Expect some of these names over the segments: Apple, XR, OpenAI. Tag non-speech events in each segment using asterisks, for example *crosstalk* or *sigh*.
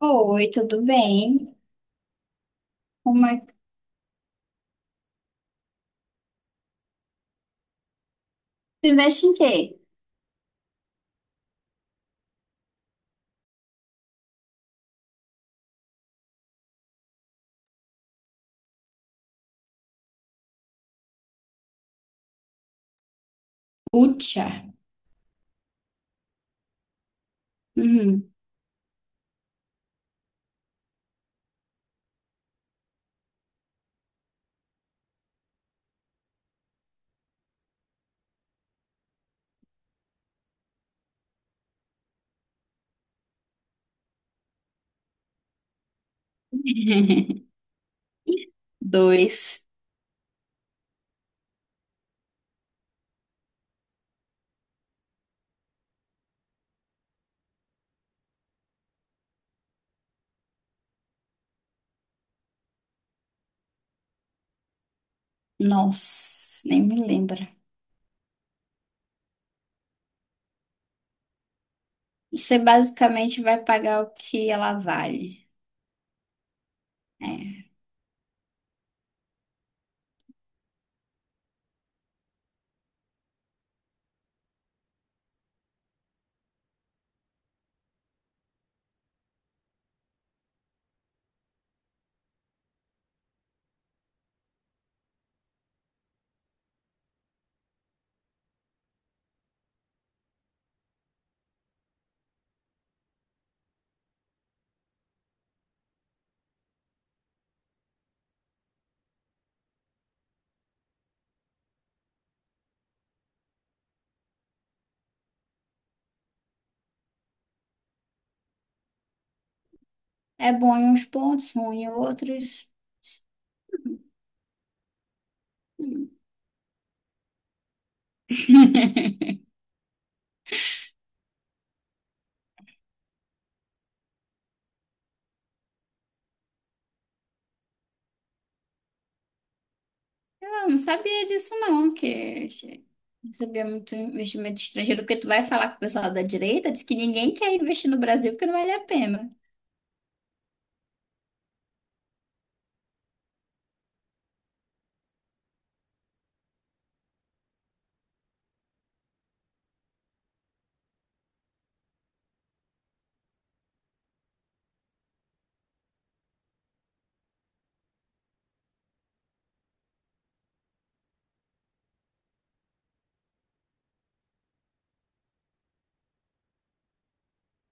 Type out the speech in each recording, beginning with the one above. Oi, tudo bem? Como é que tu investe em quê? Ucha. Uhum. *laughs* Dois. Nossa, nem me lembra. Você basicamente vai pagar o que ela vale. É, é bom em uns pontos, ruim em outros. Hum. *laughs* Eu não sabia disso não, que não sabia muito investimento estrangeiro, porque tu vai falar com o pessoal da direita, diz que ninguém quer investir no Brasil porque não vale a pena.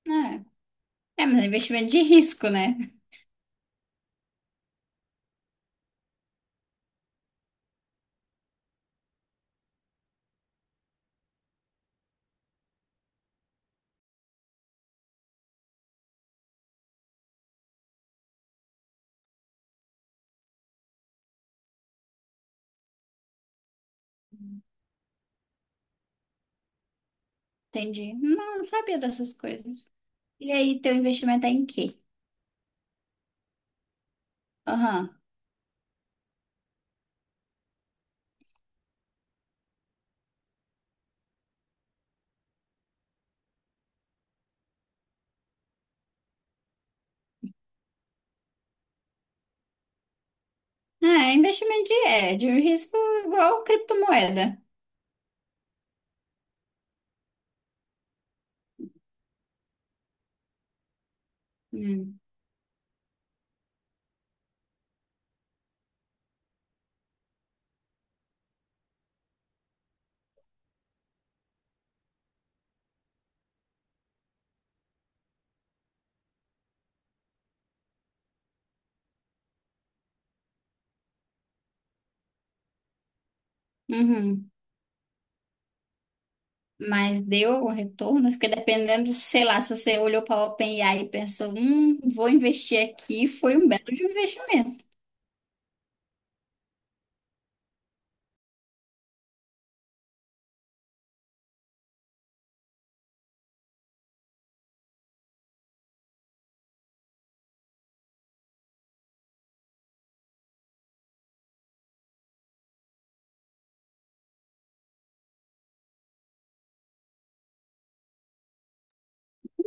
É, é, mas é investimento de risco, né? Entendi. Não, não sabia dessas coisas. E aí, teu investimento é em quê? Aham. É, investimento de um risco igual criptomoeda. Hum. Uhum. Mas deu algum retorno? Porque dependendo, sei lá, se você olhou para a OpenAI e pensou: vou investir aqui, foi um belo de um investimento.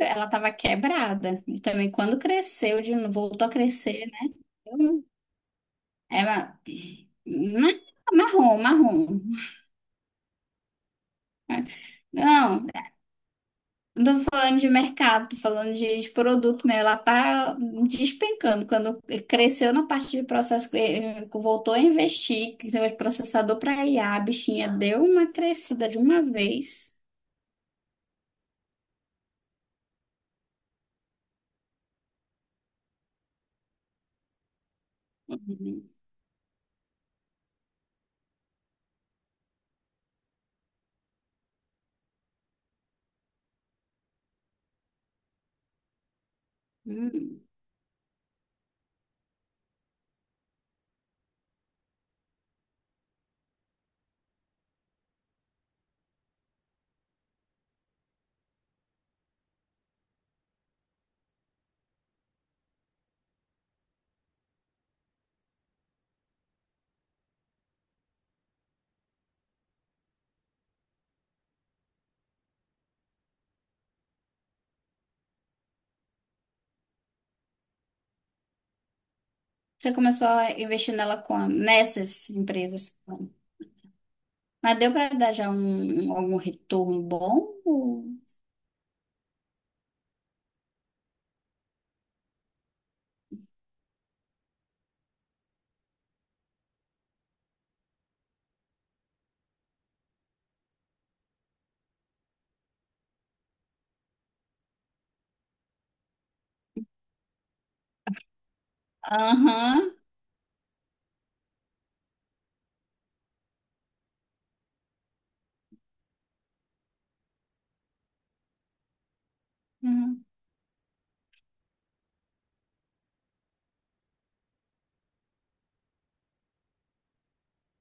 Ela estava quebrada. E também quando cresceu, de novo, voltou a crescer, né? Eu- É uma... ma- Marrom, marrom. Não, não tô falando de mercado, tô falando de produto mesmo. Ela tá despencando. Quando cresceu na parte de processo, voltou a investir, que tem um processador para IA, a bichinha deu uma crescida de uma vez. Uhum. Hum. Você começou a investir nela com nessas empresas. Mas deu para dar já algum retorno bom? Ou- Aham. Uhum.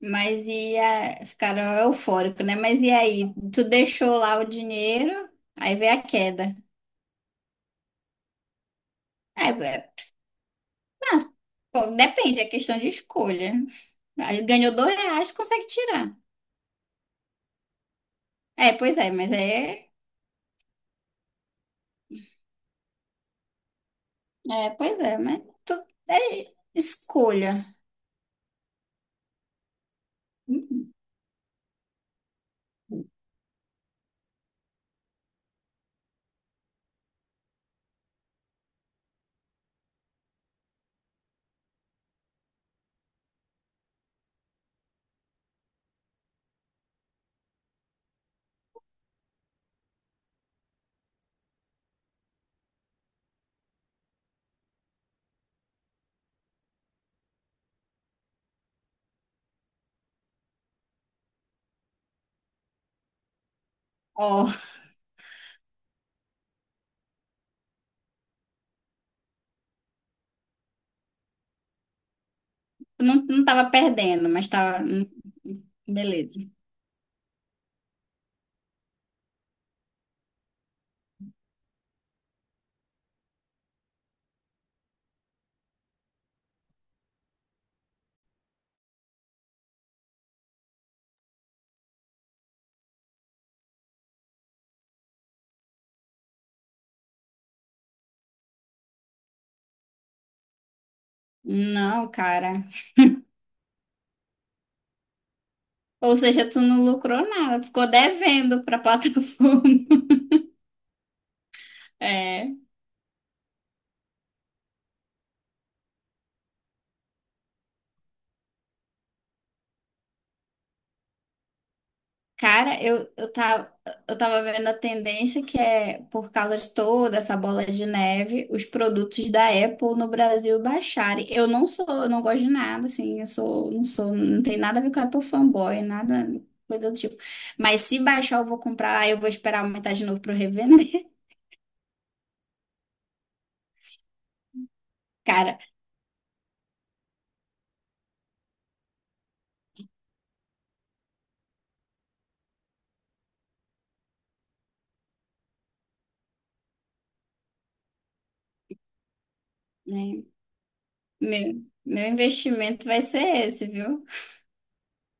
Mas ficaram eufóricos, né? Mas e aí? Tu deixou lá o dinheiro, aí veio a queda. Aí, pô, depende, é questão de escolha. Aí ganhou 2 reais, consegue tirar. É, pois é, mas é. É, pois é, mas é escolha. Ó, não, não tava perdendo, mas tava. Beleza. Não, cara. Ou seja, tu não lucrou nada, tu ficou devendo pra plataforma. *laughs* É. Cara, eu tava vendo a tendência que por causa de toda essa bola de neve, os produtos da Apple no Brasil baixarem. Eu não sou, eu não gosto de nada, assim, eu sou, não tem nada a ver com Apple fanboy, nada, coisa do tipo. Mas se baixar, eu vou comprar, aí eu vou esperar aumentar de novo pra eu revender. *laughs* Cara, né? Meu investimento vai ser esse, viu?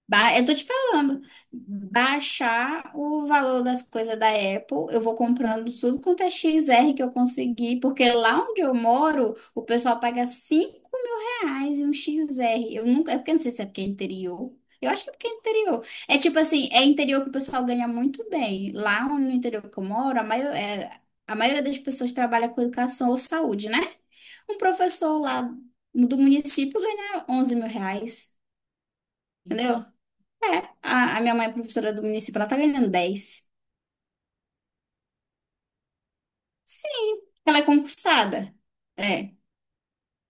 Eu tô te falando, baixar o valor das coisas da Apple, eu vou comprando tudo quanto é XR que eu conseguir, porque lá onde eu moro, o pessoal paga 5 mil reais em um XR. Eu nunca, é porque eu não sei se é porque é interior. Eu acho que é porque é interior. É tipo assim, é interior que o pessoal ganha muito bem. Lá no interior que eu moro, a maioria das pessoas trabalha com educação ou saúde, né? Um professor lá do município ganha 11 mil reais, entendeu? A minha mãe é professora do município, ela tá ganhando dez. Sim, ela é concursada. É,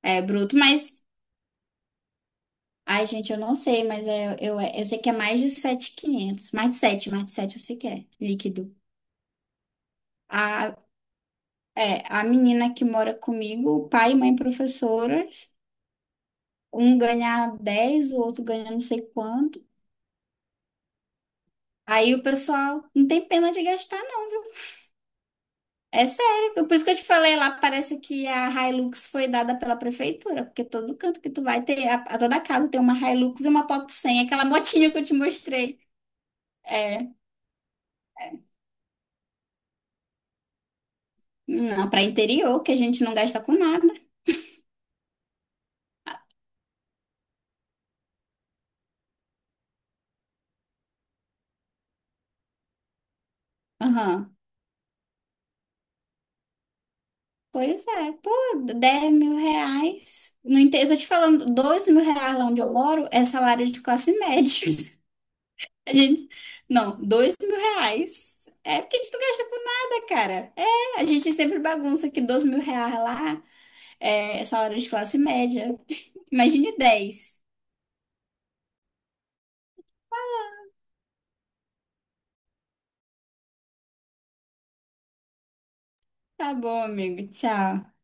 é bruto, mas. Ai, gente, eu não sei, mas eu sei que é mais de 7.500. Mais de 7 eu sei que é líquido. A, a menina que mora comigo, o pai e mãe professoras, um ganha dez, o outro ganha não sei quanto. Aí o pessoal não tem pena de gastar. É sério, por isso que eu te falei lá, parece que a Hilux foi dada pela prefeitura, porque todo canto que tu vai ter, a toda casa tem uma Hilux e uma Pop 100, aquela motinha que eu te mostrei. É, não, para interior, que a gente não gasta com nada. Aham. Pois é, pô, 10 mil reais. No inte- eu tô te falando, 12 mil reais lá onde eu moro é salário de classe média. *laughs* A gente, não, 2 mil reais. É porque a gente não gasta com nada, cara. É, a gente sempre bagunça que 12 mil reais lá. É, salário de classe média. Imagine dez. Tá bom, amigo. Tchau.